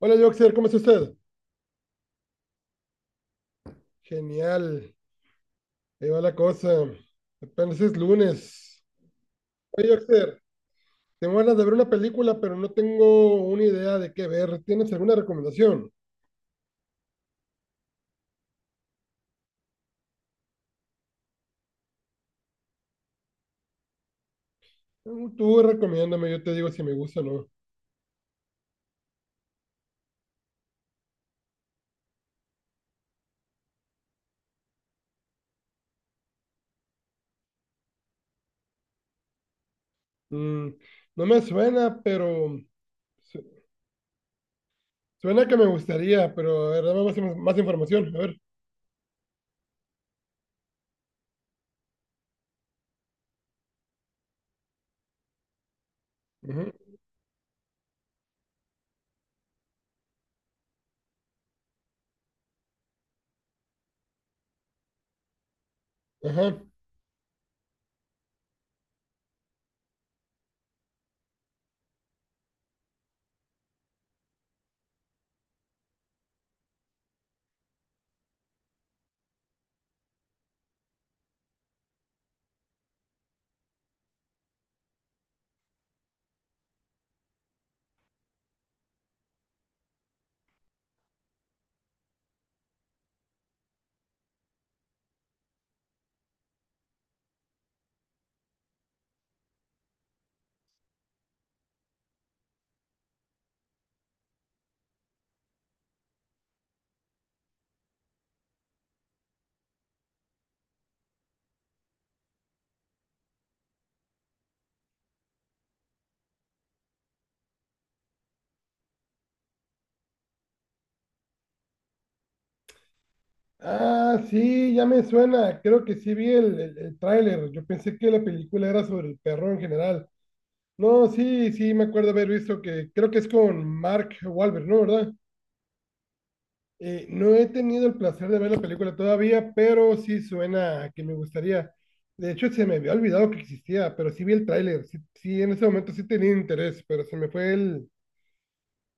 Hola, Joxer, ¿cómo está usted? Genial, ahí va la cosa. Apenas es lunes. Oye, Joxer, tengo ganas de ver una película, pero no tengo una idea de qué ver. ¿Tienes alguna recomendación? Tú recomiéndame, yo te digo si me gusta o no. Mm, no me suena, pero su- suena que me gustaría, pero a ver, dame más, más información, a ver. Ujú. Ajá. Ah, sí, ya me suena. Creo que sí vi el tráiler. Yo pensé que la película era sobre el perro en general. No, sí, sí, me acuerdo haber visto que creo que es con Mark Wahlberg, ¿no? ¿Verdad? No he tenido el placer de ver la película todavía, pero sí suena a que me gustaría. De hecho, se me había olvidado que existía, pero sí vi el tráiler. Sí, sí, en ese momento sí tenía interés, pero se me fue el,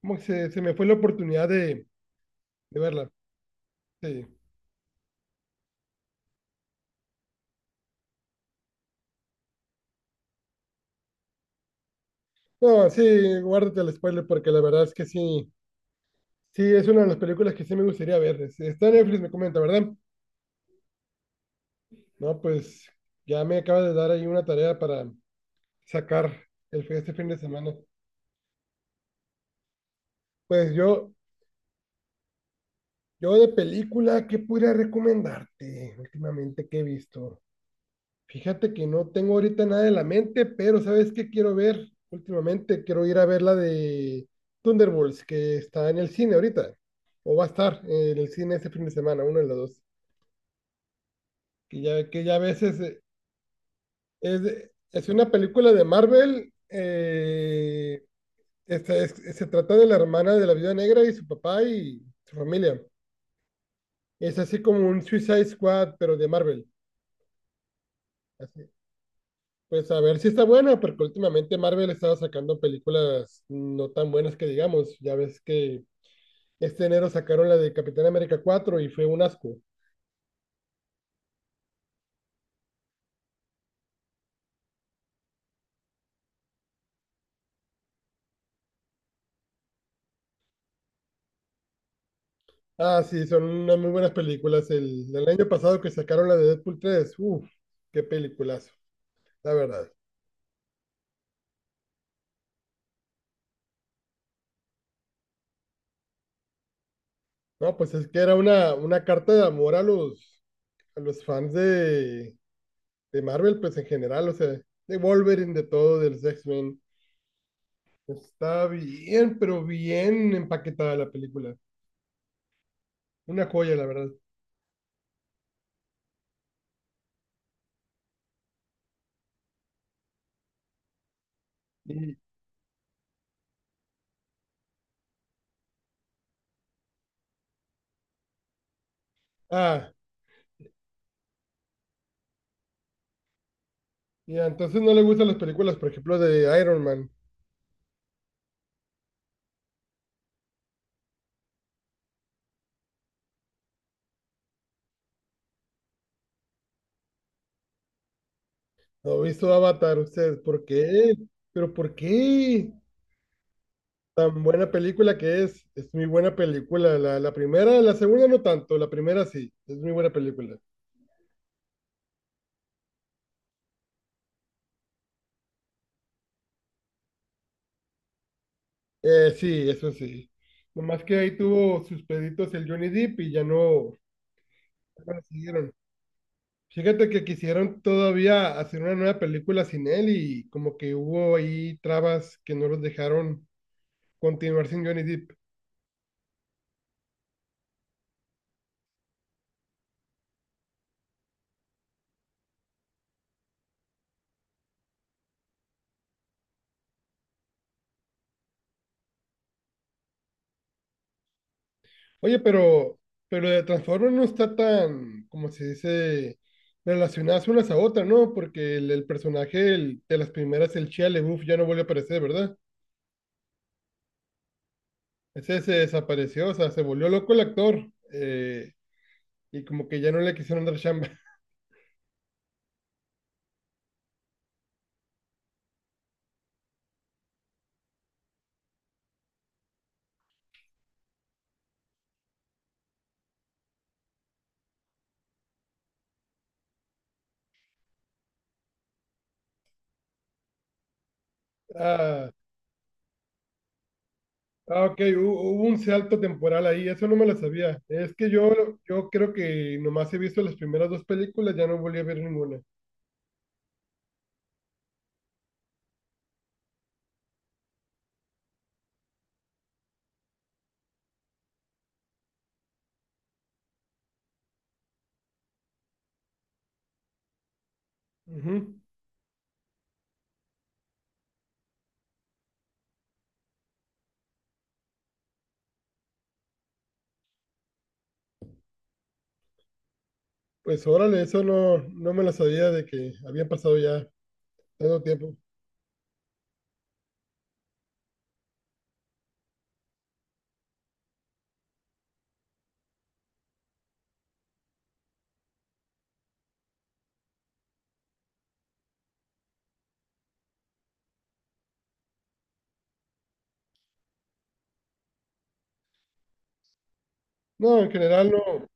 ¿cómo que se me fue la oportunidad de verla. Sí. No, sí, guárdate el spoiler porque la verdad es que sí, sí, es una de las películas que sí me gustaría ver. Está en Netflix, me comenta, ¿verdad? No, pues ya me acaba de dar ahí una tarea para sacar el, este fin de semana. Pues yo de película, ¿qué podría recomendarte últimamente que he visto? Fíjate que no tengo ahorita nada en la mente, pero ¿sabes qué quiero ver? Últimamente quiero ir a ver la de Thunderbolts, que está en el cine ahorita, o va a estar en el cine este fin de semana, uno de los dos. Que ya a veces es una película de Marvel, esta se trata de la hermana de la Viuda Negra y su papá y su familia. Es así como un Suicide Squad, pero de Marvel. Así. Pues a ver si está buena, porque últimamente Marvel estaba sacando películas no tan buenas que digamos. Ya ves que este enero sacaron la de Capitán América 4 y fue un asco. Ah, sí, son unas muy buenas películas. El año pasado que sacaron la de Deadpool 3 uff, qué peliculazo, la verdad. No, pues es que era una carta de amor a los fans de Marvel, pues en general, o sea, de Wolverine, de todo, del X-Men. Está bien, pero bien empaquetada la película. Una joya, la verdad. Y, ah, y entonces no le gustan las películas, por ejemplo, de Iron Man. ¿No ha visto Avatar usted? ¿Por qué? ¿Pero por qué? Tan buena película que es. Es muy buena película. La primera, la segunda no tanto. La primera sí. Es muy buena película. Sí, eso sí. Nomás que ahí tuvo sus peditos el Johnny Depp y ya no la siguieron. Fíjate que quisieron todavía hacer una nueva película sin él y como que hubo ahí trabas que no los dejaron continuar sin Johnny Depp. Oye, pero de Transformers no está tan, como se dice, relacionadas unas a otras, ¿no? Porque el personaje de las primeras, el Shia LaBeouf, ya no volvió a aparecer, ¿verdad? Ese se desapareció, o sea, se volvió loco el actor y como que ya no le quisieron dar chamba. Ah, ok, hubo un salto temporal ahí, eso no me lo sabía. Es que yo, creo que nomás he visto las primeras dos películas, ya no volví a ver ninguna. Ujú. Pues órale, eso no, no me lo sabía de que había pasado ya tanto tiempo. No, en general no,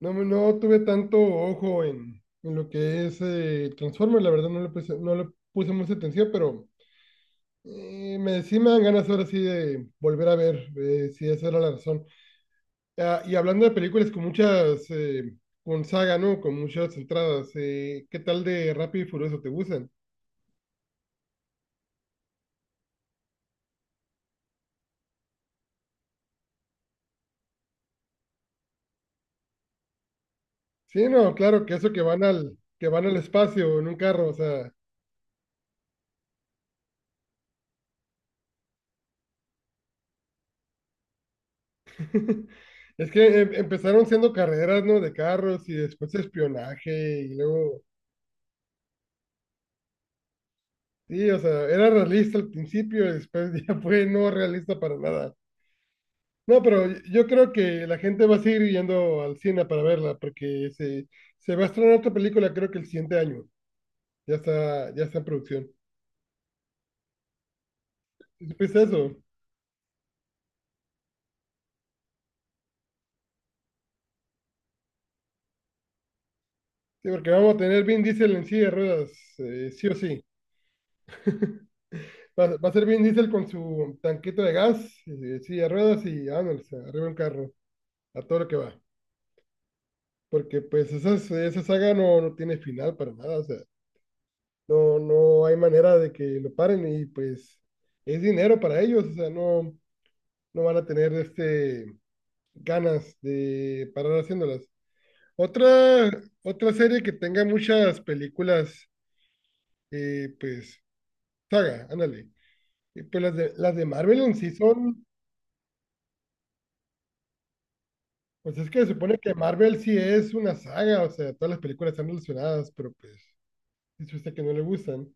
no tuve tanto ojo en lo que es Transformers, la verdad no le puse mucha atención, pero sí me dan ganas ahora sí de volver a ver si esa era la razón. Ah, y hablando de películas con muchas, con saga, ¿no? Con muchas entradas, ¿qué tal de Rápido y Furioso? ¿Te gustan? Sí, no, claro, que eso que van al, espacio en un carro, o sea, es que empezaron siendo carreras, ¿no? De carros y después espionaje y luego, sí, o sea, era realista al principio, después ya fue no realista para nada. No, pero yo creo que la gente va a seguir yendo al cine para verla porque se va a estrenar otra película, creo que el siguiente año. ya está en producción. Pues eso, sí, porque vamos a tener Vin Diesel en silla de ruedas, sí o sí. Va a ser Vin Diesel con su tanquito de gas, silla de ruedas y vámonos, arriba de un carro, a todo lo que va. Porque pues esa saga no, no tiene final para nada, o sea, no, no hay manera de que lo paren y pues es dinero para ellos, o sea, no, no van a tener ganas de parar haciéndolas. Otra, otra serie que tenga muchas películas pues, saga, ándale. Y pues las de Marvel en sí son, pues es que se supone que Marvel sí es una saga, o sea, todas las películas están relacionadas, pero pues, si usted que no le gustan,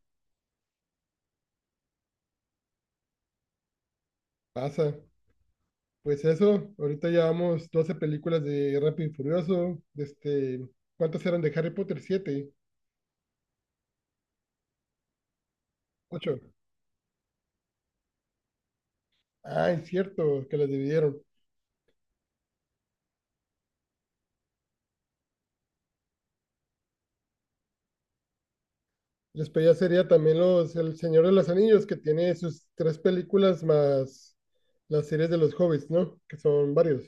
pasa. Pues eso, ahorita llevamos 12 películas de Rápido y Furioso, ¿cuántas eran de Harry Potter? ¿Siete? ¿Ocho? Ah, es cierto, que las dividieron. Después ya sería también El Señor de los Anillos, que tiene sus tres películas más las series de los Hobbits, ¿no? Que son varios.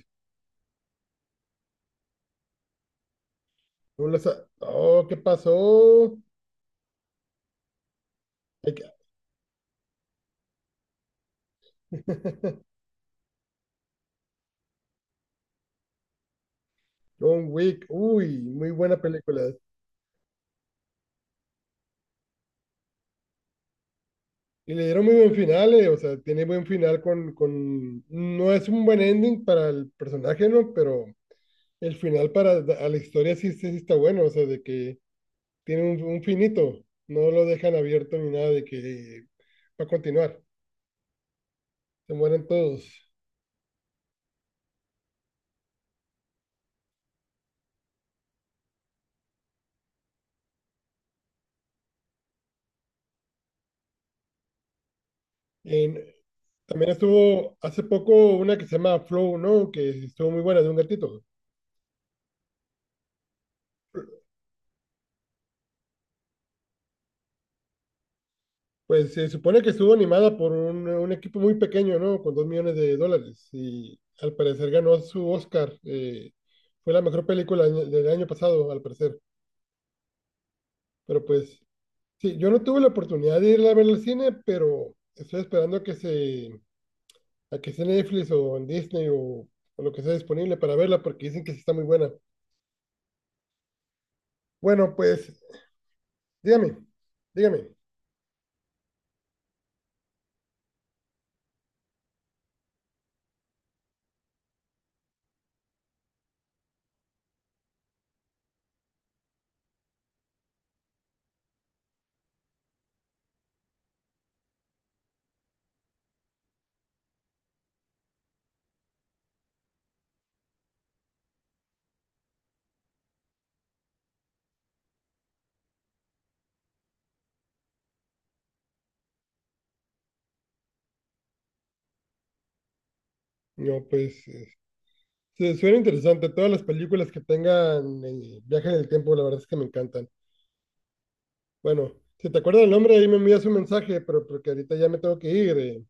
No la sa- Oh, ¿qué pasó? Hay que- John Wick, uy, muy buena película. Y le dieron muy buen final, o sea, tiene buen final No es un buen ending para el personaje, ¿no? Pero el final para a la historia sí, sí, sí está bueno, o sea, de que tiene un finito, no lo dejan abierto ni nada de que va a continuar, se mueren todos. En- También estuvo hace poco una que se llama Flow, ¿no? Que estuvo muy buena, de un gatito. Pues se supone que estuvo animada por un equipo muy pequeño, ¿no? Con 2 millones de dólares. Y al parecer ganó su Oscar. Fue la mejor película del año pasado, al parecer. Pero pues, sí, yo no tuve la oportunidad de irla a ver al cine, pero estoy esperando a a que esté en Netflix o en Disney o lo que sea disponible para verla, porque dicen que sí está muy buena. Bueno, pues, dígame, dígame. No, pues, se suena interesante. Todas las películas que tengan viaje en el tiempo, la verdad es que me encantan. Bueno, si te acuerdas el nombre, ahí me envías un mensaje, pero porque ahorita ya me tengo que ir,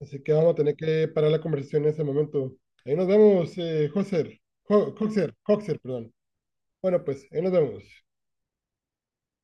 así que vamos a tener que parar la conversación en ese momento. Ahí nos vemos, Joser, Coxer, Coxer, perdón. Bueno, pues, ahí nos vemos.